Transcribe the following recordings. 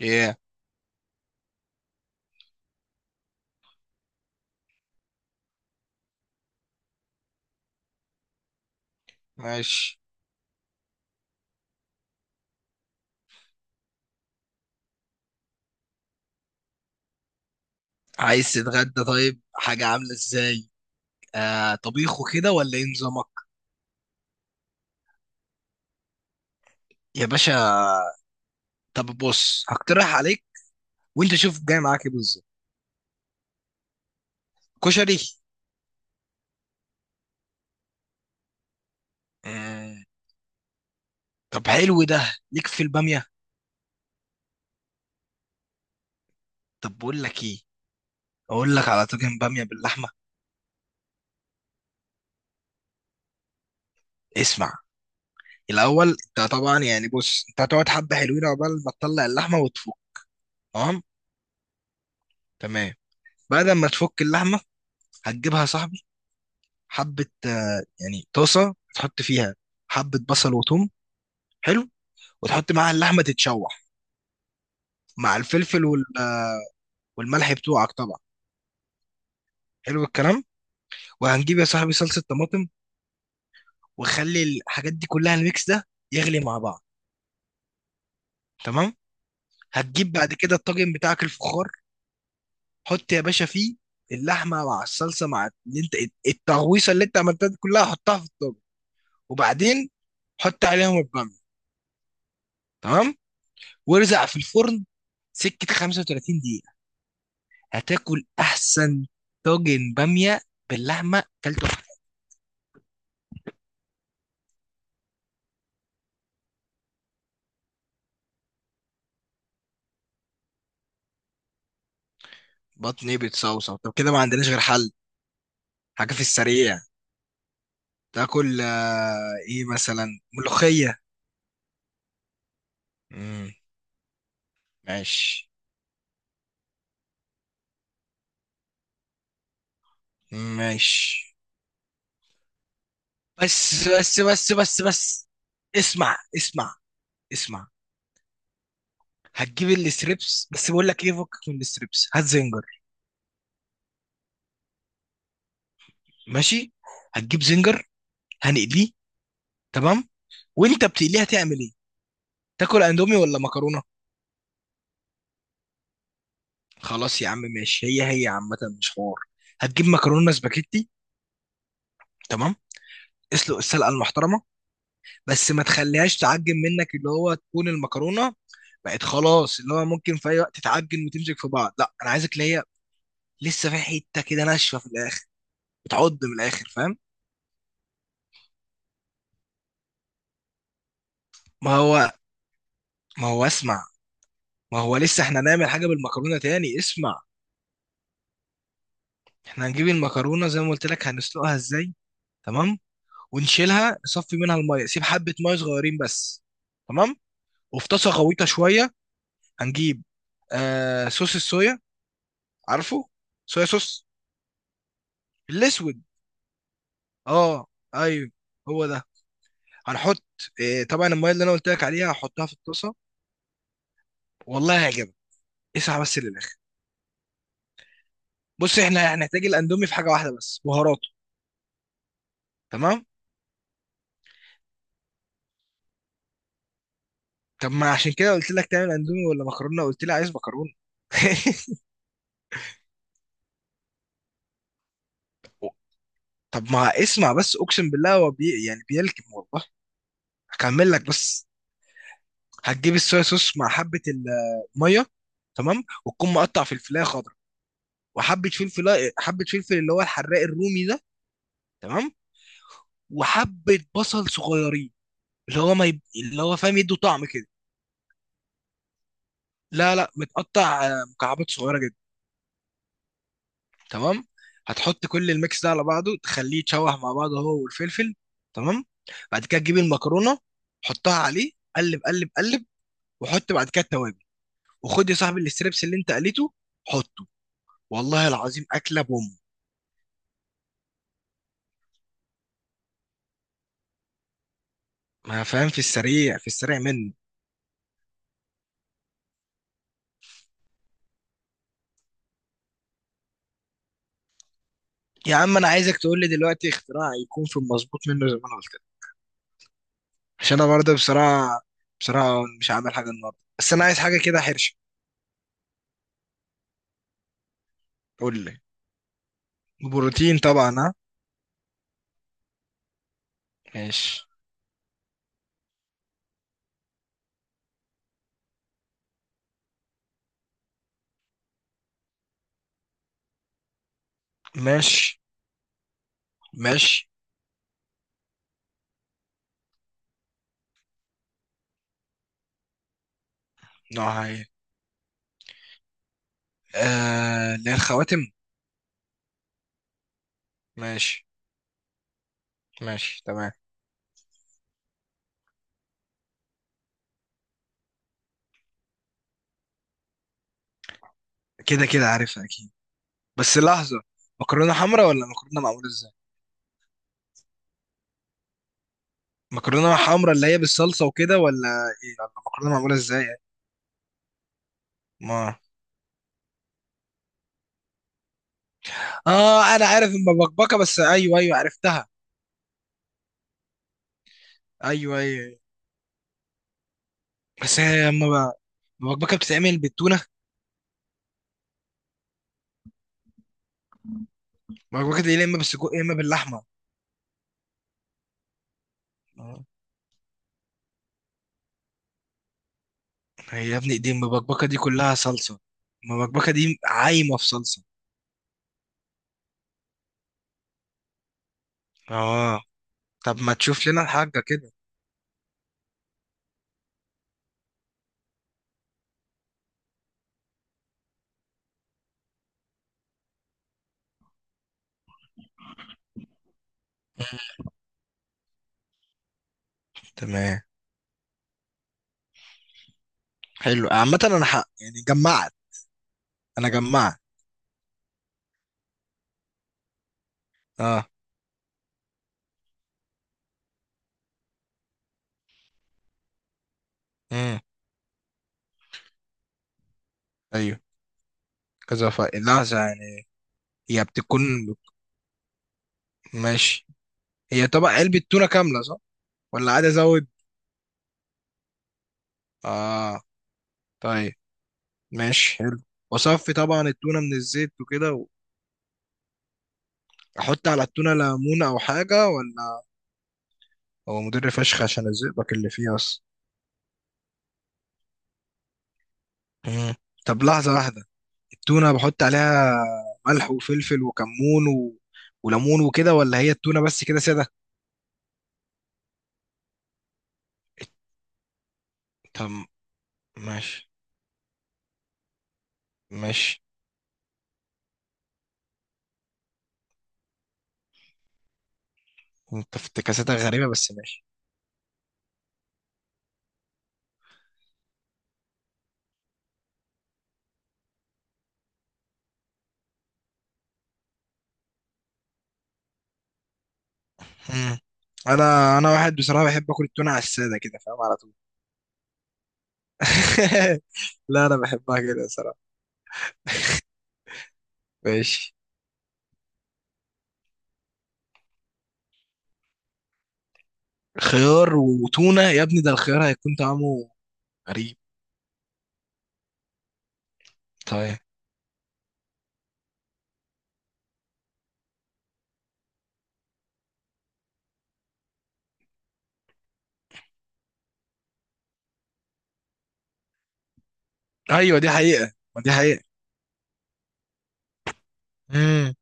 ايه. ماشي. عايز تتغدى؟ طيب حاجة عاملة ازاي؟ آه، طبيخ وكده ولا ايه نظامك؟ يا باشا، طب بص هقترح عليك وانت شوف جاي معاك ايه بالظبط. كشري. مم. طب حلو، ده ليك في البامية. طب بقول لك ايه، اقول لك على طاجن بامية باللحمة. اسمع، الاول انت طبعا يعني بص انت هتقعد حبة حلوين عقبال ما تطلع اللحمة وتفك. تمام. تمام. بعد ما تفك اللحمة هتجيبها يا صاحبي حبة يعني طاسة تحط فيها حبة بصل وثوم. حلو. وتحط معاها اللحمه تتشوح مع الفلفل وال والملح بتوعك طبعا. حلو الكلام. وهنجيب يا صاحبي صلصه طماطم، وخلي الحاجات دي كلها الميكس ده يغلي مع بعض. تمام. هتجيب بعد كده الطاجن بتاعك الفخار، حط يا باشا فيه اللحمه مع الصلصه مع اللي انت التغويصه اللي انت عملتها دي كلها، حطها في الطاجن. وبعدين حط عليهم الباميه. تمام. وارزع في الفرن سكه 35 دقيقه. هتاكل احسن. طاجن باميه باللحمه كلته. بطني بتصوصو طب كده ما عندناش غير حل. حاجة في السريع تاكل ايه مثلا؟ ملوخية. امم ماشي. ماشي. بس بس بس بس بس. اسمع اسمع. اسمع. هتجيب الستريبس، بس بقول لك ايه، فكك من الستريبس، هات زنجر. ماشي. هتجيب زنجر هنقليه. تمام. وانت بتقليه هتعمل ايه؟ تاكل اندومي ولا مكرونه؟ خلاص يا عم ماشي، هي هي عامه، مش حوار. هتجيب مكرونه سباكيتي. تمام. اسلق السلقه المحترمه، بس ما تخليهاش تعجن منك اللي هو تكون المكرونه بقت خلاص اللي هو ممكن في اي وقت تتعجن وتمسك في بعض، لا انا عايزك اللي هي لسه في حته كده ناشفه في الاخر، بتعض من الاخر، فاهم؟ ما هو، ما هو اسمع، ما هو لسه احنا هنعمل حاجه بالمكرونه تاني، اسمع. احنا هنجيب المكرونه زي ما قلت لك هنسلقها ازاي. تمام. ونشيلها نصفي منها الميه، سيب حبه ميه صغيرين بس. تمام. وفي طاسه غويطه شويه هنجيب صوص الصويا، عارفه؟ صويا صوص. الاسود. اه. ايوه. هو ده. هنحط إيه، طبعا الميه اللي انا قلت لك عليها هحطها في الطاسه. والله هيعجبك، اسعى بس للاخر. بص، احنا هنحتاج الاندومي في حاجه واحده بس، بهاراته. تمام. طب ما عشان كده قلت لك تعمل اندومي ولا مكرونه، قلت لي عايز مكرونه. طب ما اسمع بس، اقسم بالله هو بي يعني بيلكم والله. هكمل لك بس. هتجيب الصويا صوص مع حبه الميه. تمام، وتكون مقطع فلفلايه خضراء وحبه فلفل، حبه فلفل اللي هو الحراق الرومي ده. تمام. وحبه بصل صغيرين اللي هو ما يب... اللي هو فاهم، يدوا طعم كده. لا لا، متقطع مكعبات صغيره جدا. تمام. هتحط كل الميكس ده على بعضه تخليه يتشوح مع بعضه هو والفلفل. تمام. بعد كده تجيب المكرونه، حطها عليه، قلب قلب قلب. وحط بعد كده التوابل. وخد يا صاحبي الستريبس اللي انت قليته، حطه. والله العظيم اكله بوم. ما فاهم، في السريع في السريع منه. يا عم انا عايزك تقول لي دلوقتي اختراع يكون في المظبوط منه زي ما انا قلت. عشان انا برضه بصراحه، بصراحه مش عامل حاجه النهارده، بس انا عايز حاجه كده حرشه. قول لي. بروتين طبعا، ها. ماشي. ماشي. ماشي. نوعها ايه؟ آه اللي هي الخواتم. ماشي. ماشي تمام. كده كده عارفها اكيد. بس لحظه، مكرونه حمرا ولا مكرونه معموله ازاي؟ مكرونه حمرا اللي هي بالصلصه وكده، ولا ايه، ولا مكرونه معموله ازاي يعني؟ ما... اه انا عارف المبكبكه، بس ايوه ايوه عرفتها. ايوه ايوه. أيوة. بس هي اما بقى المبكبكه بتتعمل بالتونه. مبكبكة دي يا إما بالسجق يا إما باللحمة. اه، هي يا ابني دي المبكبكة دي كلها صلصة. المبكبكة دي عايمة في صلصة. اه، طب ما تشوف لنا الحاجة كده. تمام. حلو عامة، أنا حق يعني جمعت. أنا جمعت. اه. امم أيوه. كذا ف لحظة يعني. هي بتكون. ماشي. هي طبق علبة تونة كاملة صح، ولا عادي أزود؟ اه. طيب. ماشي حلو. وصفي طبعا التونة من الزيت وكده. وأحط على التونة ليمون أو حاجة ولا؟ هو مدر فشخ عشان الزئبق اللي فيه اصلا. مم. طب لحظة واحدة، التونة بحط عليها ملح وفلفل وكمون و... وليمون وكده، ولا هي التونة بس كده سادة؟ طب ماشي. ماشي. انت افتكاساتك غريبة غريبة بس ماشي. مم. انا واحد بصراحة بحب اكل التونة على السادة كده، فاهم، على طول. لا انا بحبها كده صراحة. ماشي. خيار وتونة يا ابني، ده الخيار هيكون طعمه غريب. طيب. ايوه دي حقيقة، ما دي حقيقة. مم.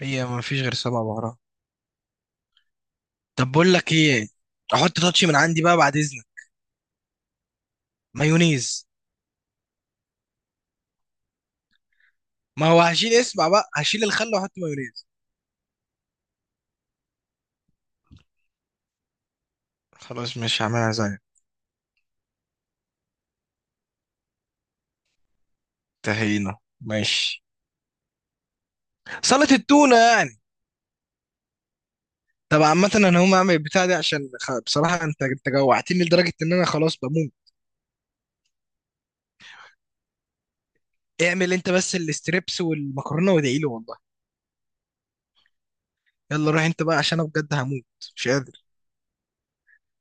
هي ما فيش غير سبع بهارات. طب بقول لك ايه، احط تاتش من عندي بقى بعد اذنك. مايونيز. ما هو هشيل، اسمع بقى، هشيل الخل واحط مايونيز. خلاص مش هعملها زي. تهينة ماشي. سلطة التونة يعني. طب عامة انا هقوم اعمل البتاع دي عشان خ- بصراحة انت جوعتني لدرجة ان انا خلاص بموت. اعمل انت بس الاستريبس والمكرونة وادعي لي والله. يلا روح انت بقى عشان انا بجد هموت. مش قادر.